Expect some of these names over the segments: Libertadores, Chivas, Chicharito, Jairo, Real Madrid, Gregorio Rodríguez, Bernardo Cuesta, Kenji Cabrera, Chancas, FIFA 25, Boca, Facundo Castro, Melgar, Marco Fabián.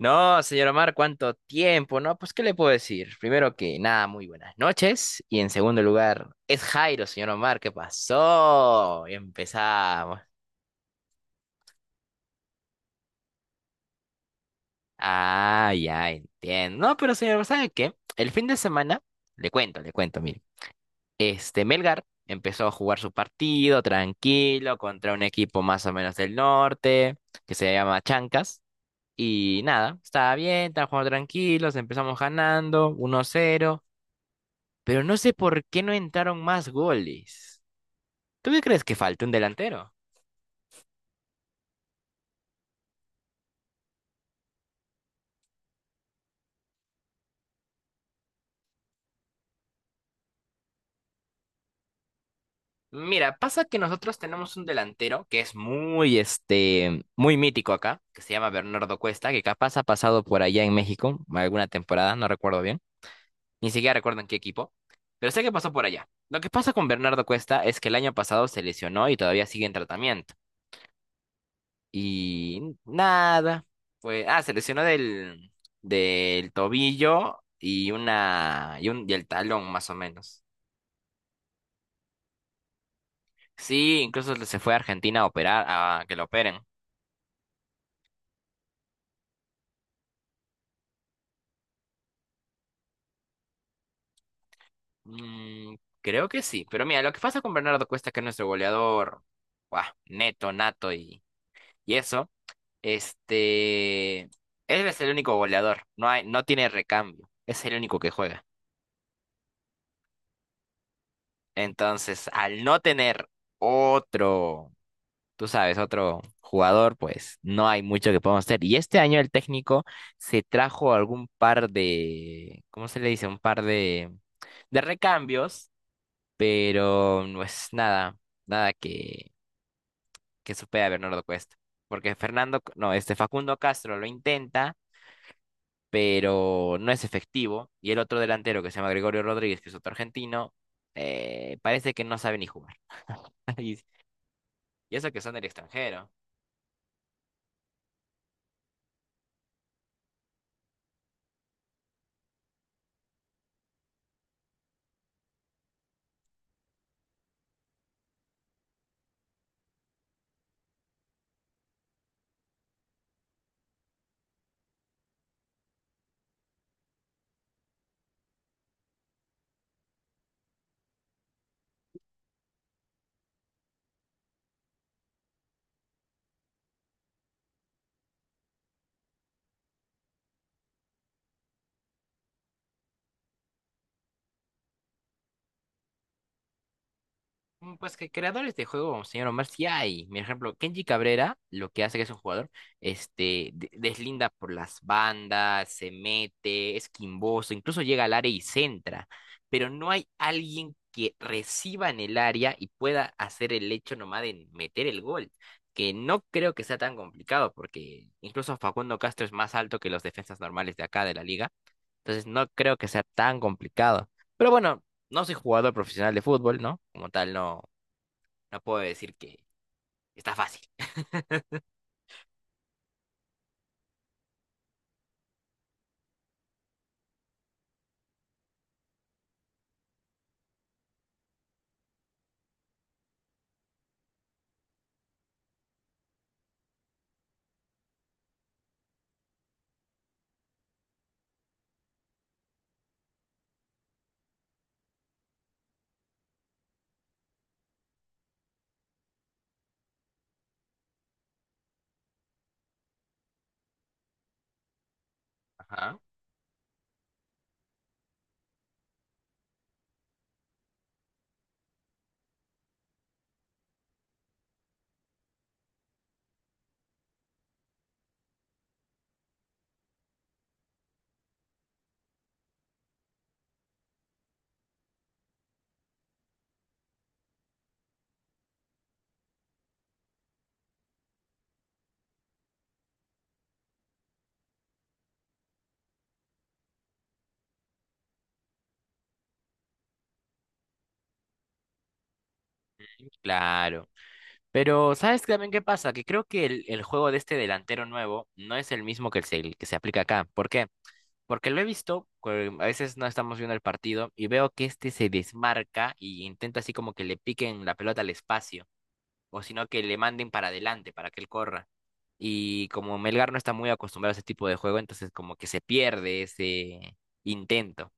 No, señor Omar, ¿cuánto tiempo? No, pues, ¿qué le puedo decir? Primero que nada, muy buenas noches. Y en segundo lugar, es Jairo, señor Omar, ¿qué pasó? Y empezamos. Ah, ya entiendo. No, pero señor, ¿sabe qué? El fin de semana, le cuento, mire. Melgar empezó a jugar su partido tranquilo contra un equipo más o menos del norte, que se llama Chancas. Y nada, estaba bien, estaba jugando tranquilos, empezamos ganando uno cero, pero no sé por qué no entraron más goles. ¿Tú qué crees? ¿Que falta un delantero? Mira, pasa que nosotros tenemos un delantero que es muy, muy mítico acá, que se llama Bernardo Cuesta, que capaz ha pasado por allá en México alguna temporada, no recuerdo bien, ni siquiera recuerdo en qué equipo, pero sé que pasó por allá. Lo que pasa con Bernardo Cuesta es que el año pasado se lesionó y todavía sigue en tratamiento. Y nada, pues, ah, se lesionó del tobillo y el talón más o menos. Sí, incluso se fue a Argentina a operar, a que lo operen. Mm, creo que sí, pero mira, lo que pasa con Bernardo Cuesta, que es nuestro goleador, buah, neto, nato y eso, él es el único goleador, no hay, no tiene recambio, es el único que juega. Entonces, al no tener otro, tú sabes, otro jugador, pues no hay mucho que podamos hacer. Y este año el técnico se trajo algún par de, ¿cómo se le dice? Un par de recambios, pero no es nada, nada que, que supere a Bernardo Cuesta. Porque Fernando, no, este Facundo Castro lo intenta, pero no es efectivo. Y el otro delantero que se llama Gregorio Rodríguez, que es otro argentino, parece que no sabe ni jugar. Y y eso que son del extranjero. Mm, pues que creadores de juego, señor Omar, sí hay. Por ejemplo, Kenji Cabrera, lo que hace que es un jugador, deslinda por las bandas, se mete, es quimboso, incluso llega al área y centra. Pero no hay alguien que reciba en el área y pueda hacer el hecho nomás de meter el gol. Que no creo que sea tan complicado, porque incluso Facundo Castro es más alto que los defensas normales de acá de la liga. Entonces no creo que sea tan complicado. Pero bueno. No soy jugador profesional de fútbol, ¿no? Como tal, no, no puedo decir que está fácil. Ajá. Claro. Pero ¿sabes también qué pasa? Que creo que el juego de este delantero nuevo no es el mismo que el que se aplica acá. ¿Por qué? Porque lo he visto, que a veces no estamos viendo el partido y veo que este se desmarca y intenta así como que le piquen la pelota al espacio, o sino que le manden para adelante para que él corra. Y como Melgar no está muy acostumbrado a ese tipo de juego, entonces como que se pierde ese intento.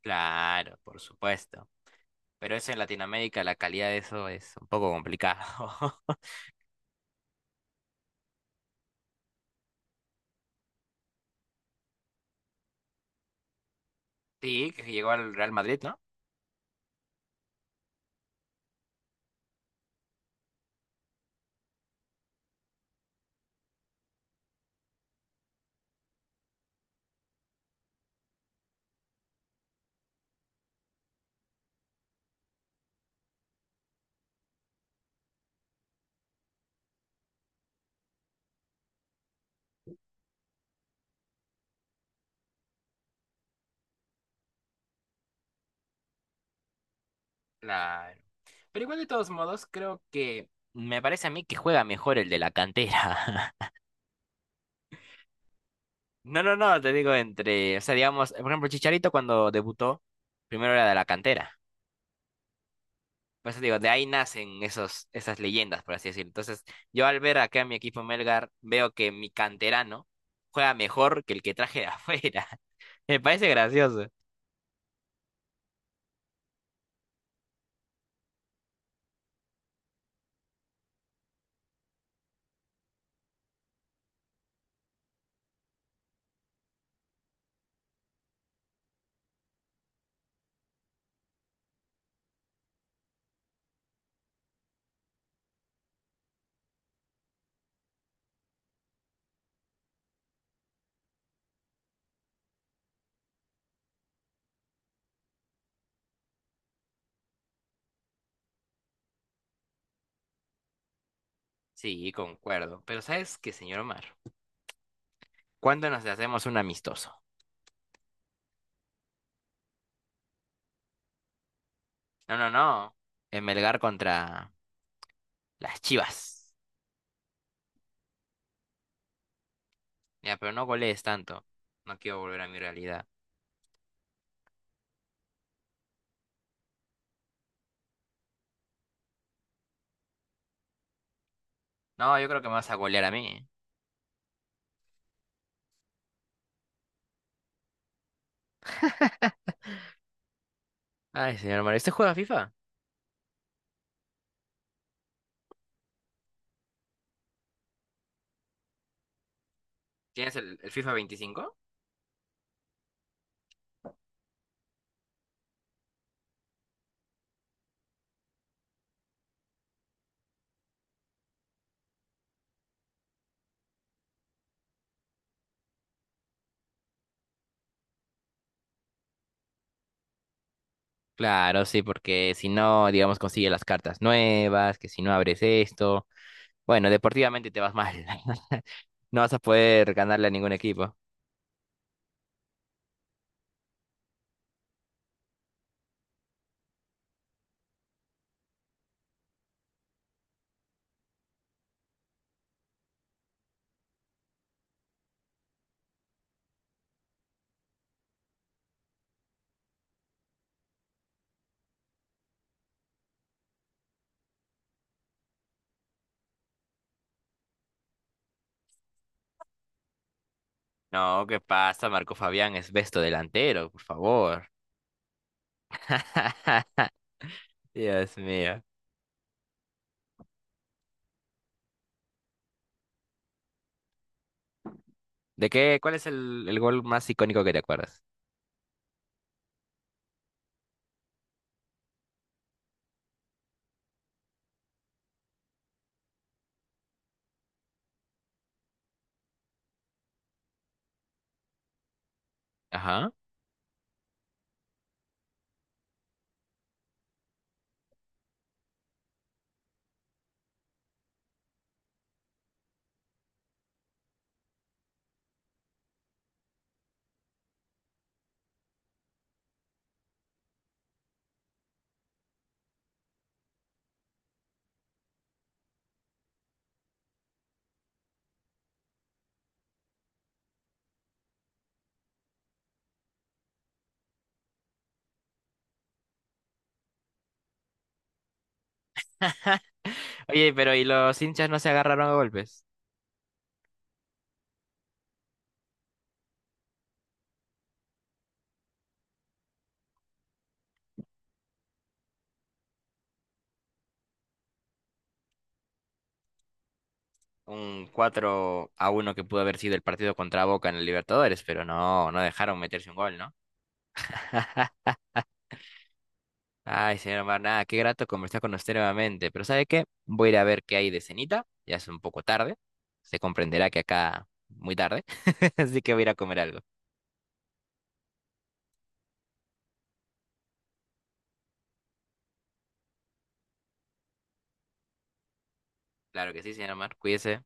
Claro, por supuesto. Pero eso en Latinoamérica, la calidad de eso es un poco complicado. Sí, que llegó al Real Madrid, ¿no? La... Pero igual de todos modos, creo que me parece a mí que juega mejor el de la cantera. No, no, no, te digo entre, o sea, digamos, por ejemplo, Chicharito cuando debutó, primero era de la cantera. Por eso digo, de ahí nacen esos, esas leyendas, por así decirlo. Entonces, yo al ver acá a mi equipo Melgar, veo que mi canterano juega mejor que el que traje de afuera. Me parece gracioso. Sí, concuerdo. Pero ¿sabes qué, señor Omar? ¿Cuándo nos hacemos un amistoso? No, no, no. En Melgar contra las Chivas. Ya, pero no golees tanto. No quiero volver a mi realidad. No, yo creo que me vas a golear a mí. Ay, señor Omar, ¿usted juega FIFA? ¿Tienes el FIFA 25? Claro, sí, porque si no, digamos, consigue las cartas nuevas, que si no abres esto. Bueno, deportivamente te vas mal. No vas a poder ganarle a ningún equipo. No, ¿qué pasa, Marco Fabián? Es besto delantero, por favor. Dios mío. ¿De qué? ¿Cuál es el gol más icónico que te acuerdas? Ajá. Oye, pero ¿y los hinchas no se agarraron a golpes? Un cuatro a uno que pudo haber sido el partido contra Boca en el Libertadores, pero no, no dejaron meterse un gol, ¿no? Ay, señor Marnada, qué grato conversar con usted nuevamente. Pero ¿sabe qué? Voy a ir a ver qué hay de cenita. Ya es un poco tarde. Se comprenderá que acá muy tarde. Así que voy a ir a comer algo. Claro que sí, señor Mar. Cuídese.